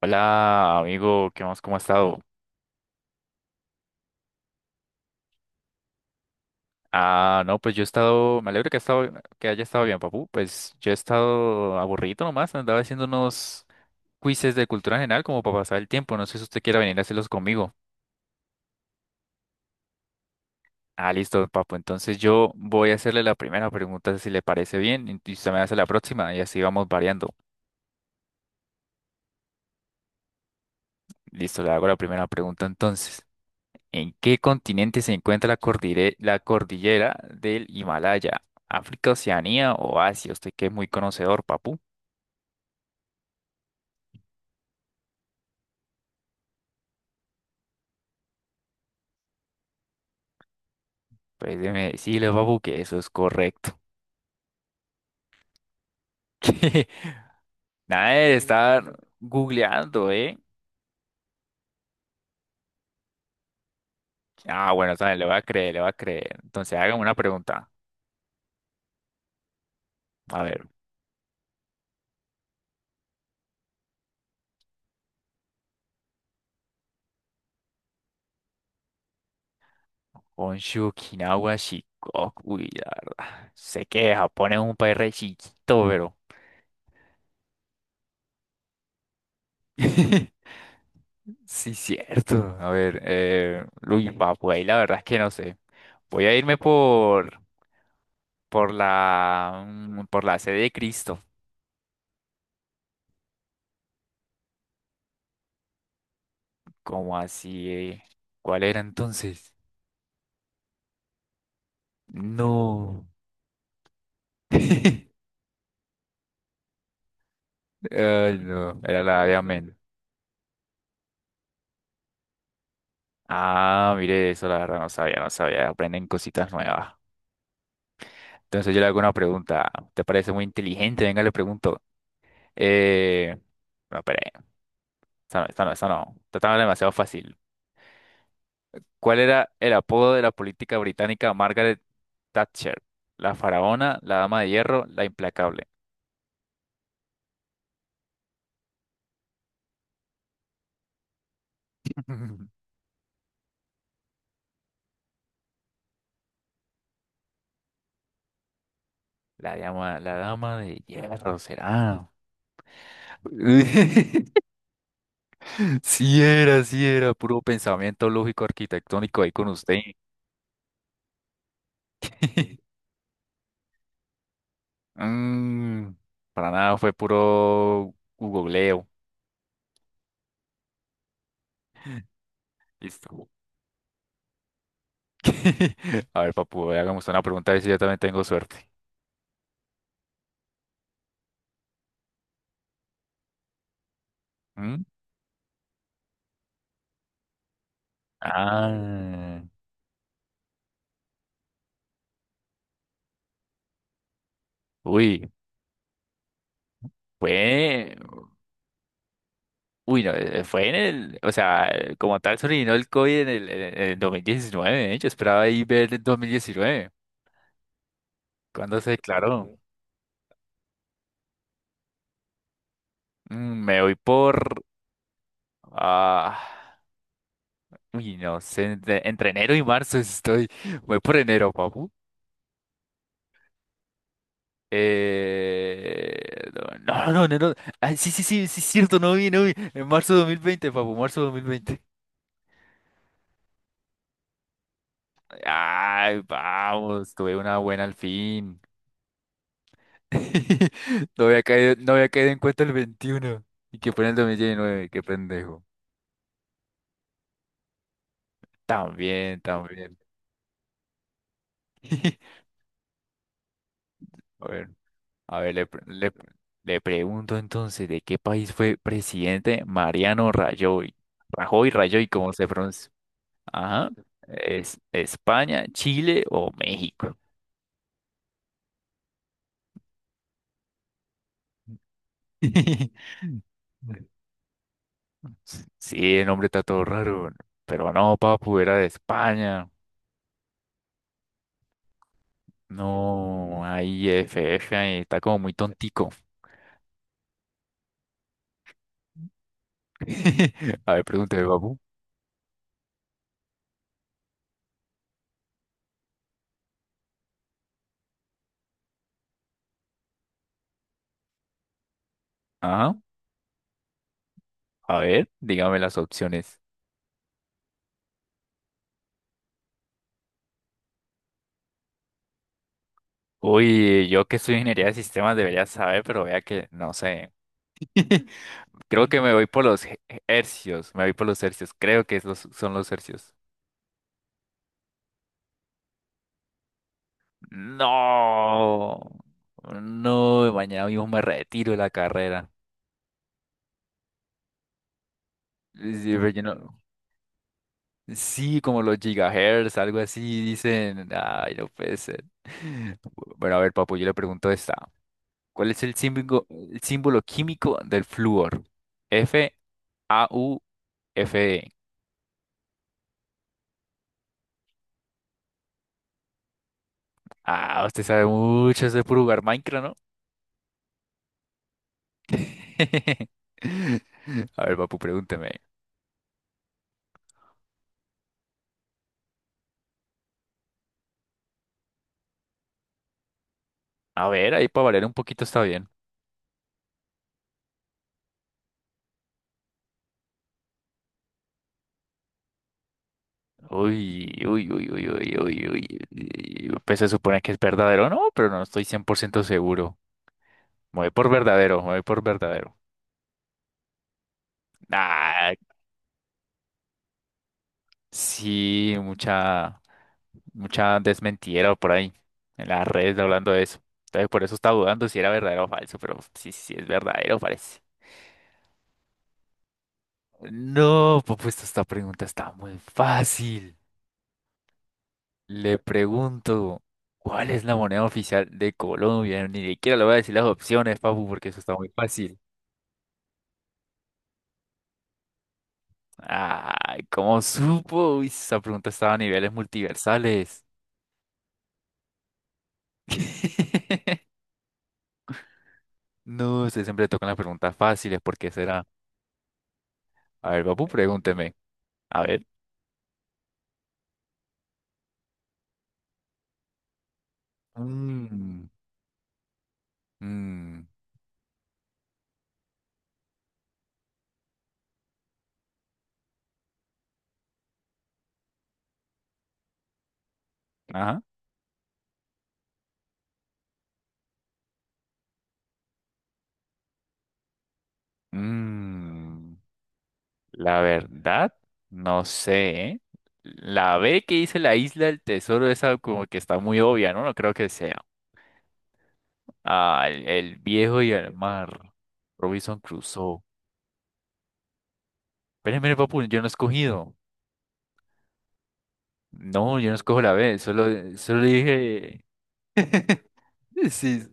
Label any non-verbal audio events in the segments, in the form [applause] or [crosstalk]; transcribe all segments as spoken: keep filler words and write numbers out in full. Hola, amigo, ¿qué más? ¿Cómo ha estado? Ah, no, pues yo he estado, me alegro que, ha estado, que haya estado bien, papu. Pues yo he estado aburrido nomás, andaba haciendo unos quizzes de cultura general como para pasar el tiempo. No sé si usted quiera venir a hacerlos conmigo. Ah, listo, papu. Entonces yo voy a hacerle la primera pregunta si le parece bien y usted me hace la próxima y así vamos variando. Listo, le hago la primera pregunta entonces. ¿En qué continente se encuentra la cordire- la cordillera del Himalaya? ¿África, Oceanía o Asia? Usted que es muy conocedor, papu. Pues déjeme decirle, papu, que eso es correcto. [laughs] Nada de estar googleando, ¿eh? Ah, bueno, sabe, le voy a creer, le voy a creer. Entonces, hágame una pregunta. A ver, Honshu, Okinawa, Shikoku. Uy, la verdad. Sé que Japón es un país re chiquito, pero. [laughs] Sí, cierto. A ver, eh, uy, va, pues ahí la verdad es que no sé. Voy a irme por, por la, mm, por la sede de Cristo. Como así? ¿Eh? ¿Cuál era entonces? No. [laughs] Ay, no, era la de Amén. Ah, mire, eso la verdad no sabía, no sabía. Aprenden cositas nuevas. Entonces yo le hago una pregunta. ¿Te parece muy inteligente? Venga, le pregunto. Eh, no, espere, esta no, esta no, esta no. Esta estaba demasiado fácil. ¿Cuál era el apodo de la política británica Margaret Thatcher? La faraona, la dama de hierro, la implacable. [laughs] La dama, la dama de hierro será. [laughs] Sí era, sí era, puro pensamiento lógico arquitectónico ahí con usted. [laughs] Mm, para nada, fue puro googleo. Listo. [laughs] A ver, papu, hagamos una pregunta a ver si yo también tengo suerte. ¿Mm? Ah, uy, fue. Uy, no, eh, fue en el, o sea, como tal sobrevino el COVID en el, en el dos mil diecinueve, ¿eh? Yo esperaba ahí ver el dos mil diecinueve, cuando se declaró. Mm, me voy por, ah, uy, no sé, entre, entre enero y marzo estoy, voy por enero, papu. Eh, no, no, no, enero, ah, sí, sí, sí, sí, es cierto, no vi, no vi, en marzo dos mil veinte, papu, marzo dos mil veinte. Ay, vamos, tuve una buena al fin. [laughs] No había caído, no había caído en cuenta el veintiuno y que fue en el dos mil diecinueve, qué pendejo. También, también. [laughs] A ver, a ver, le, pre- le, pre- le pregunto entonces, ¿de qué país fue presidente Mariano Rajoy? ¿Rajoy, Rajoy, cómo se pronuncia? Ajá. ¿Es España, Chile o México? [laughs] Sí, el nombre está todo raro, pero no, papu, era de España. No, ahí F F ahí está como muy tontico. [laughs] A ver, pregúnteme, papu. Ah, a ver, dígame las opciones. Uy, yo que soy ingeniería de sistemas debería saber, pero vea que no sé. [laughs] Creo que me voy por los he- hercios, me voy por los hercios, creo que es los- son los hercios. No, no, mañana mismo me retiro de la carrera. Sí, pero yo no. Sí, como los gigahertz, algo así, dicen. Ay, no puede ser. [laughs] Bueno, a ver, papu, yo le pregunto esta. ¿Cuál es el símbolo, el símbolo químico del flúor? F, A, U, F, E. Ah, usted sabe mucho, es de puro jugar Minecraft, ¿no? [laughs] A ver, papu, pregúnteme. A ver, ahí para variar un poquito está bien. Uy, uy, uy, uy, uy, uy, uy. Uy. Pues se supone que es verdadero, ¿no? Pero no estoy cien por ciento seguro. Me voy por verdadero, me voy por verdadero. Ah, sí, mucha, mucha desmentida por ahí en las redes hablando de eso. Entonces por eso estaba dudando si era verdadero o falso, pero sí, sí es verdadero, parece. No, pues pues, esta pregunta está muy fácil. Le pregunto, ¿cuál es la moneda oficial de Colombia? Ni siquiera le voy a decir las opciones, papu, porque eso está muy fácil. Ay, ¿cómo supo? Uy, esa pregunta estaba a niveles multiversales. [laughs] No, usted siempre tocan las preguntas fáciles, ¿por qué será? A ver, papu, pregúnteme. A ver. Mm, mm, ajá. Mm, la verdad, no sé, ¿eh? La B que dice la isla del tesoro, esa como que está muy obvia, ¿no? No creo que sea. Ah, el, el viejo y el mar. Robinson Crusoe. Pero mire, papu, yo no he escogido. No, yo no escojo la B, solo, solo dije. Sí,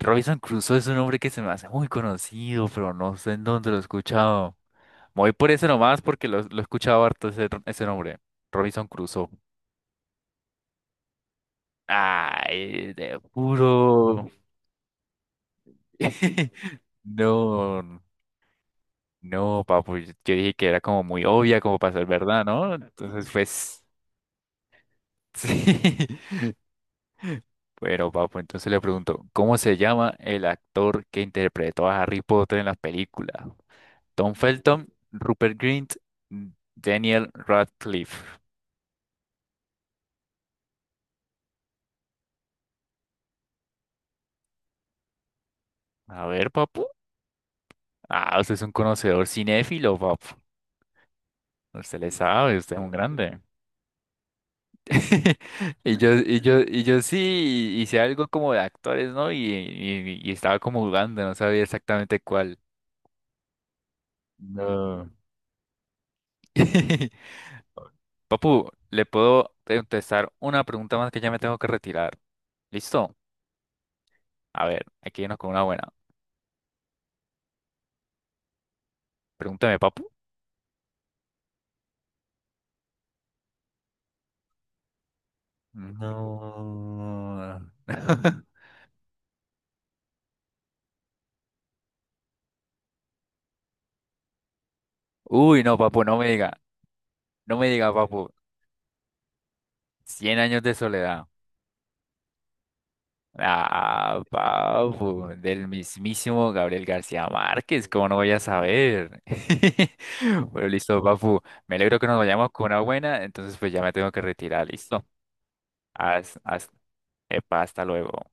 Robinson Crusoe es un nombre que se me hace muy conocido, pero no sé en dónde lo he escuchado. Me voy por ese nomás porque lo, lo he escuchado harto ese, ese nombre. Robinson Crusoe. Ay, de puro. [laughs] No, no, papu. Yo yo dije que era como muy obvia como para ser verdad, ¿no? Entonces, pues, [laughs] sí. Bueno, papu, entonces le pregunto, ¿cómo se llama el actor que interpretó a Harry Potter en las películas? Tom Felton, Rupert Grint, Daniel Radcliffe. A ver, papu. Ah, usted es un conocedor cinéfilo, papu. Usted le sabe, usted es un grande. [laughs] Y yo, y yo, y yo sí hice algo como de actores, ¿no? Y, y- y estaba como jugando, no sabía exactamente cuál. No. [laughs] Papu, le puedo contestar una pregunta más que ya me tengo que retirar. ¿Listo? A ver, aquí nos con una buena. Pregúntame, papu. No. [laughs] Uy, no, papu, no me diga. No me diga, papu. Cien años de soledad. Ah, papu, del mismísimo Gabriel García Márquez, ¿cómo no voy a saber? [laughs] Bueno, listo, papu. Me alegro que nos vayamos con una buena, entonces pues ya me tengo que retirar, listo. Haz, haz, epa, hasta luego.